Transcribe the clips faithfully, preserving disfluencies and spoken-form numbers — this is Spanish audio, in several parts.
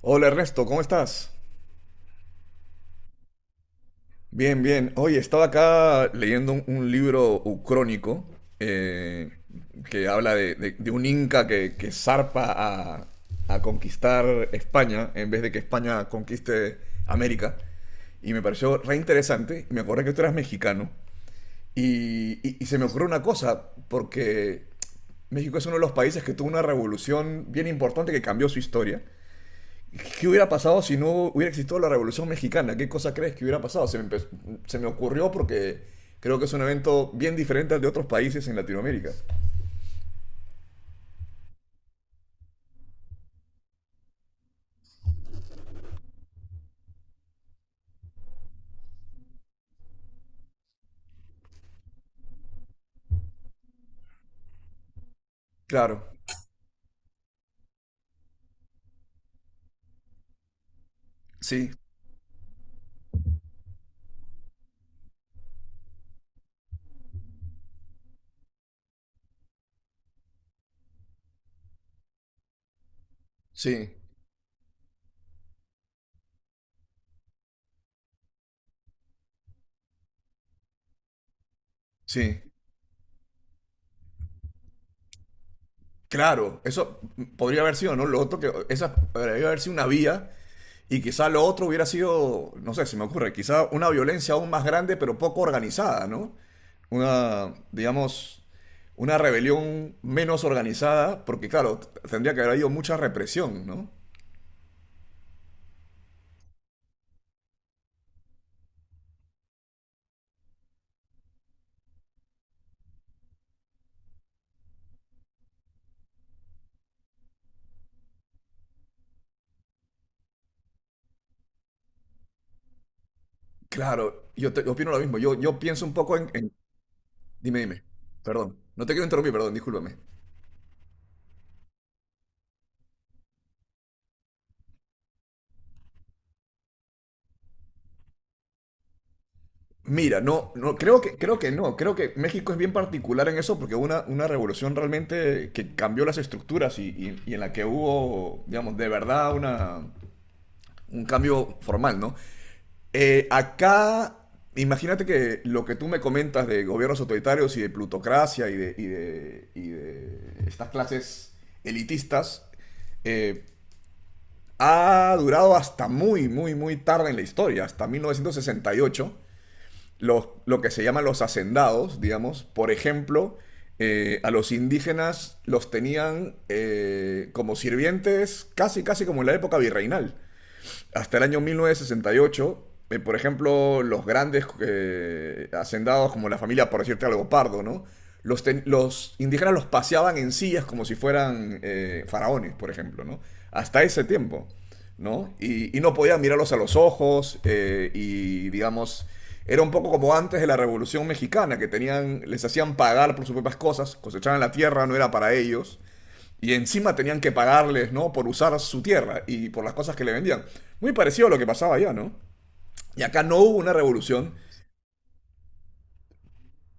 Hola Ernesto, ¿cómo estás? Bien, bien. Oye, estaba acá leyendo un, un libro ucrónico, eh, que habla de, de- de un inca que, que zarpa a, a conquistar España en vez de que España conquiste América. Y me pareció re interesante. Me acordé que tú eras mexicano. Y, y- y se me ocurrió una cosa, porque México es uno de los países que tuvo una revolución bien importante que cambió su historia. ¿Qué hubiera pasado si no hubiera existido la Revolución Mexicana? ¿Qué cosa crees que hubiera pasado? Se me, empe- se me ocurrió porque creo que es un evento bien diferente al de otros países en Latinoamérica. Claro, sí, sí, sí. Claro, eso podría haber sido, ¿no? Lo otro que, esa podría haber sido una vía. Y quizá lo otro hubiera sido, no sé, se me ocurre, quizá una violencia aún más grande, pero poco organizada, ¿no? Una, digamos, una rebelión menos organizada, porque claro, t- tendría que haber habido mucha represión, ¿no? Claro, yo, te- yo opino lo mismo. Yo, yo pienso un poco en, en- Dime, dime. Perdón. No te quiero interrumpir, perdón, discúlpame. Mira, no, no, creo que, creo que no. Creo que México es bien particular en eso porque hubo una, una revolución realmente que cambió las estructuras y, y- y en la que hubo, digamos, de verdad una, un cambio formal, ¿no? Eh, acá, imagínate que lo que tú me comentas de gobiernos autoritarios y de plutocracia y de, y de, y de estas clases elitistas, eh, ha durado hasta muy, muy, muy tarde en la historia, hasta mil novecientos sesenta y ocho, los, lo que se llaman los hacendados, digamos, por ejemplo, eh, a los indígenas los tenían eh, como sirvientes casi, casi como en la época virreinal hasta el año mil novecientos sesenta y ocho, eh, por ejemplo, los grandes eh, hacendados como la familia, por decirte algo, Pardo, ¿no? Los, ten- los indígenas los paseaban en sillas como si fueran eh, faraones, por ejemplo, ¿no? Hasta ese tiempo, ¿no? Y, y no podían mirarlos a los ojos, eh, y, digamos, era un poco como antes de la Revolución Mexicana, que tenían, les hacían pagar por sus propias cosas, cosechaban la tierra, no era para ellos, y encima tenían que pagarles, ¿no? Por usar su tierra y por las cosas que le vendían. Muy parecido a lo que pasaba allá, ¿no? Y acá no hubo una revolución,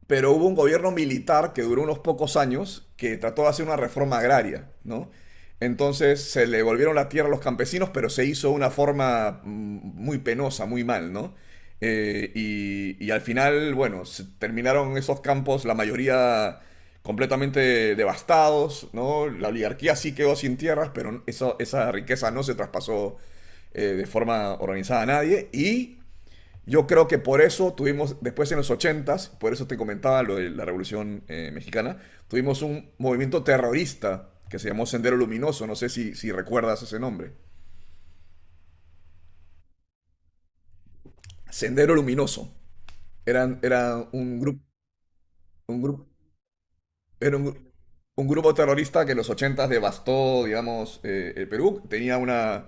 pero hubo un gobierno militar que duró unos pocos años que trató de hacer una reforma agraria, ¿no? Entonces se le volvieron la tierra a los campesinos, pero se hizo de una forma mm, muy penosa, muy mal, ¿no? Eh, y, y al final, bueno, se terminaron esos campos, la mayoría completamente devastados, ¿no? La oligarquía sí quedó sin tierras, pero eso- esa riqueza no se traspasó, eh, de forma organizada a nadie. Y yo creo que por eso tuvimos, después en los ochentas, por eso te comentaba lo de la Revolución eh, Mexicana, tuvimos un movimiento terrorista que se llamó Sendero Luminoso, no sé si, si recuerdas ese nombre. Sendero Luminoso. Eran, era un grupo, un grupo, era un, gru- un grupo terrorista que en los ochentas devastó, digamos, eh, el Perú. Tenía una,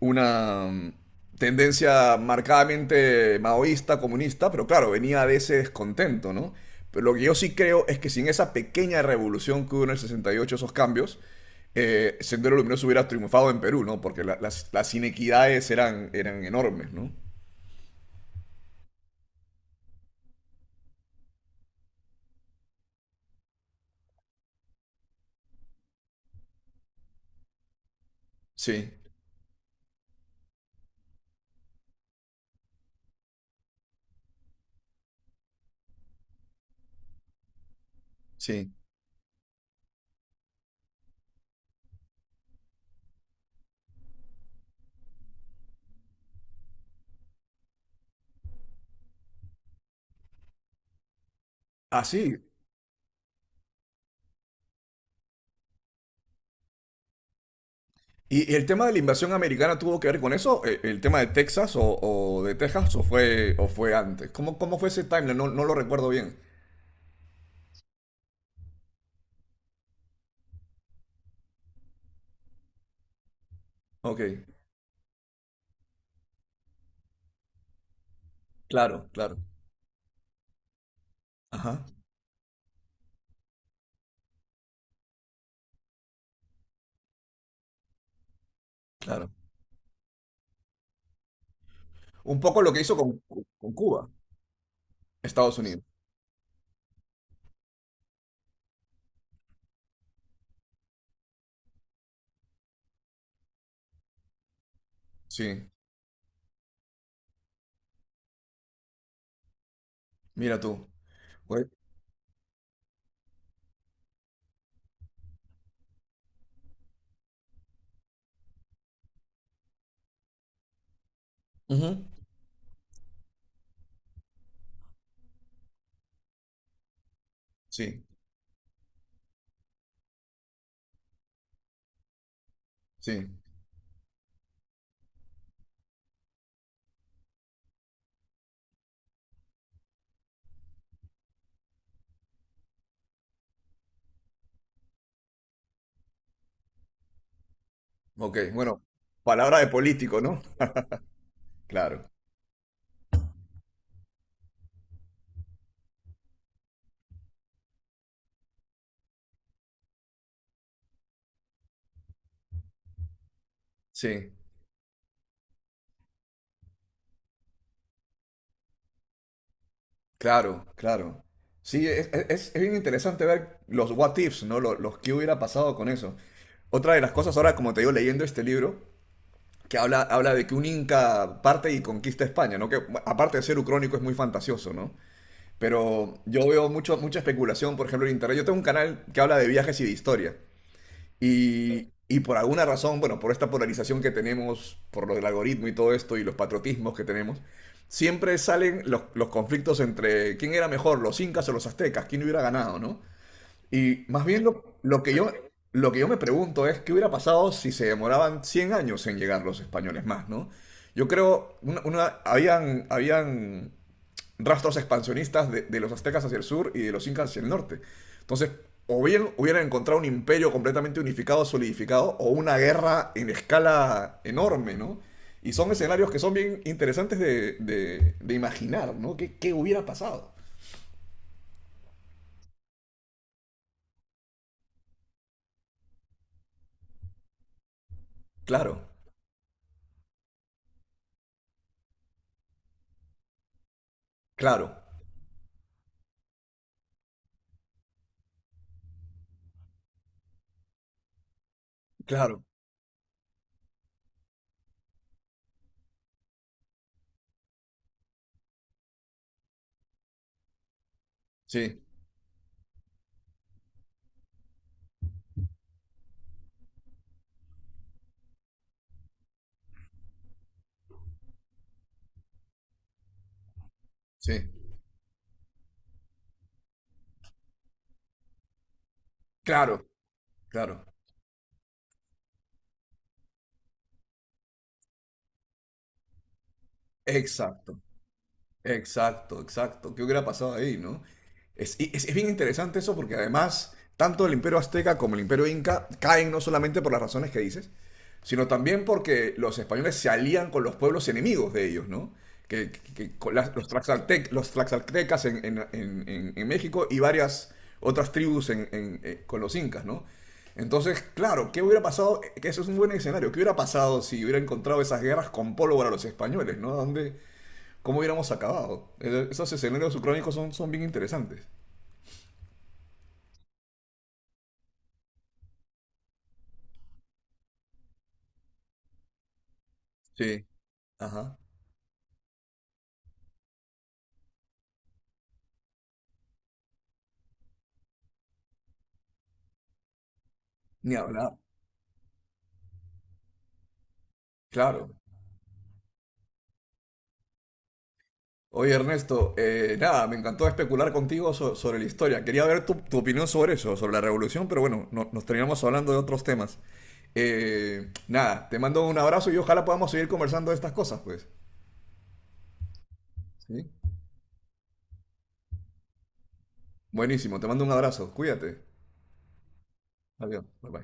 una mm, tendencia marcadamente maoísta, comunista, pero claro, venía de ese descontento, ¿no? Pero lo que yo sí creo es que sin esa pequeña revolución que hubo en el sesenta y ocho, esos cambios, eh, Sendero Luminoso hubiera triunfado en Perú, ¿no? Porque la, las, las inequidades eran, eran enormes, ¿no? Sí, sí. Ah, sí. ¿Y, ¿Y el tema de la invasión americana tuvo que ver con eso? ¿El, ¿el tema de Texas o, o, de Texas o fue, o fue antes? ¿Cómo, cómo fue ese timeline? No, no lo recuerdo bien. Ok, claro, claro. Ajá, claro. Un poco lo que hizo con, con Cuba, Estados Unidos. Sí, mira tú. Güey. Ujú. Sí, sí. Ok, bueno, palabra de político, ¿no? Claro, sí, claro, claro. Sí, es, es- es bien interesante ver los what ifs, ¿no? Los, los que hubiera pasado con eso. Otra de las cosas ahora, como te digo, leyendo este libro, que habla, habla de que un inca parte y conquista España, ¿no? Que bueno, aparte de ser ucrónico es muy fantasioso, ¿no? Pero yo veo mucho, mucha especulación, por ejemplo, en internet. Yo tengo un canal que habla de viajes y de historia. Y, y por alguna razón, bueno, por esta polarización que tenemos, por lo del algoritmo y todo esto, y los patriotismos que tenemos, siempre salen los, los conflictos entre quién era mejor, los incas o los aztecas, quién hubiera ganado, ¿no? Y más bien lo, lo que yo, lo que yo me pregunto es qué hubiera pasado si se demoraban cien años en llegar los españoles más, ¿no? Yo creo, una, una- habían, habían rastros expansionistas de, de los aztecas hacia el sur y de los incas hacia el norte. Entonces, o bien hubieran encontrado un imperio completamente unificado, solidificado, o una guerra en escala enorme, ¿no? Y son escenarios que son bien interesantes de, de, de imaginar, ¿no? ¿Qué, qué hubiera pasado? Claro, claro, claro, sí, sí, claro, claro, exacto. Exacto, exacto. ¿Qué hubiera pasado ahí, no? Es, y es, es bien interesante eso porque además, tanto el imperio azteca como el imperio inca caen no solamente por las razones que dices, sino también porque los españoles se alían con los pueblos enemigos de ellos, ¿no? Que, que- que con las- los, tlaxaltec- los tlaxaltecas en, en- en- en- en México y varias otras tribus en- en- eh, con los incas, ¿no? Entonces, claro, ¿qué hubiera pasado? Que eso es un buen escenario. ¿Qué hubiera pasado si hubiera encontrado esas guerras con pólvora a los españoles, ¿no? ¿Dónde, cómo hubiéramos acabado? Es- Esos escenarios ucrónicos son, son bien interesantes. Sí. Ajá. Ni hablar. Claro. Oye, Ernesto, eh, nada, me encantó especular contigo so- sobre la historia. Quería ver tu, tu opinión sobre eso, sobre la revolución, pero bueno, no- nos terminamos hablando de otros temas. Eh, nada, te mando un abrazo y ojalá podamos seguir conversando de estas cosas, pues. Sí. Buenísimo, te mando un abrazo. Cuídate. Adiós. Bye bye.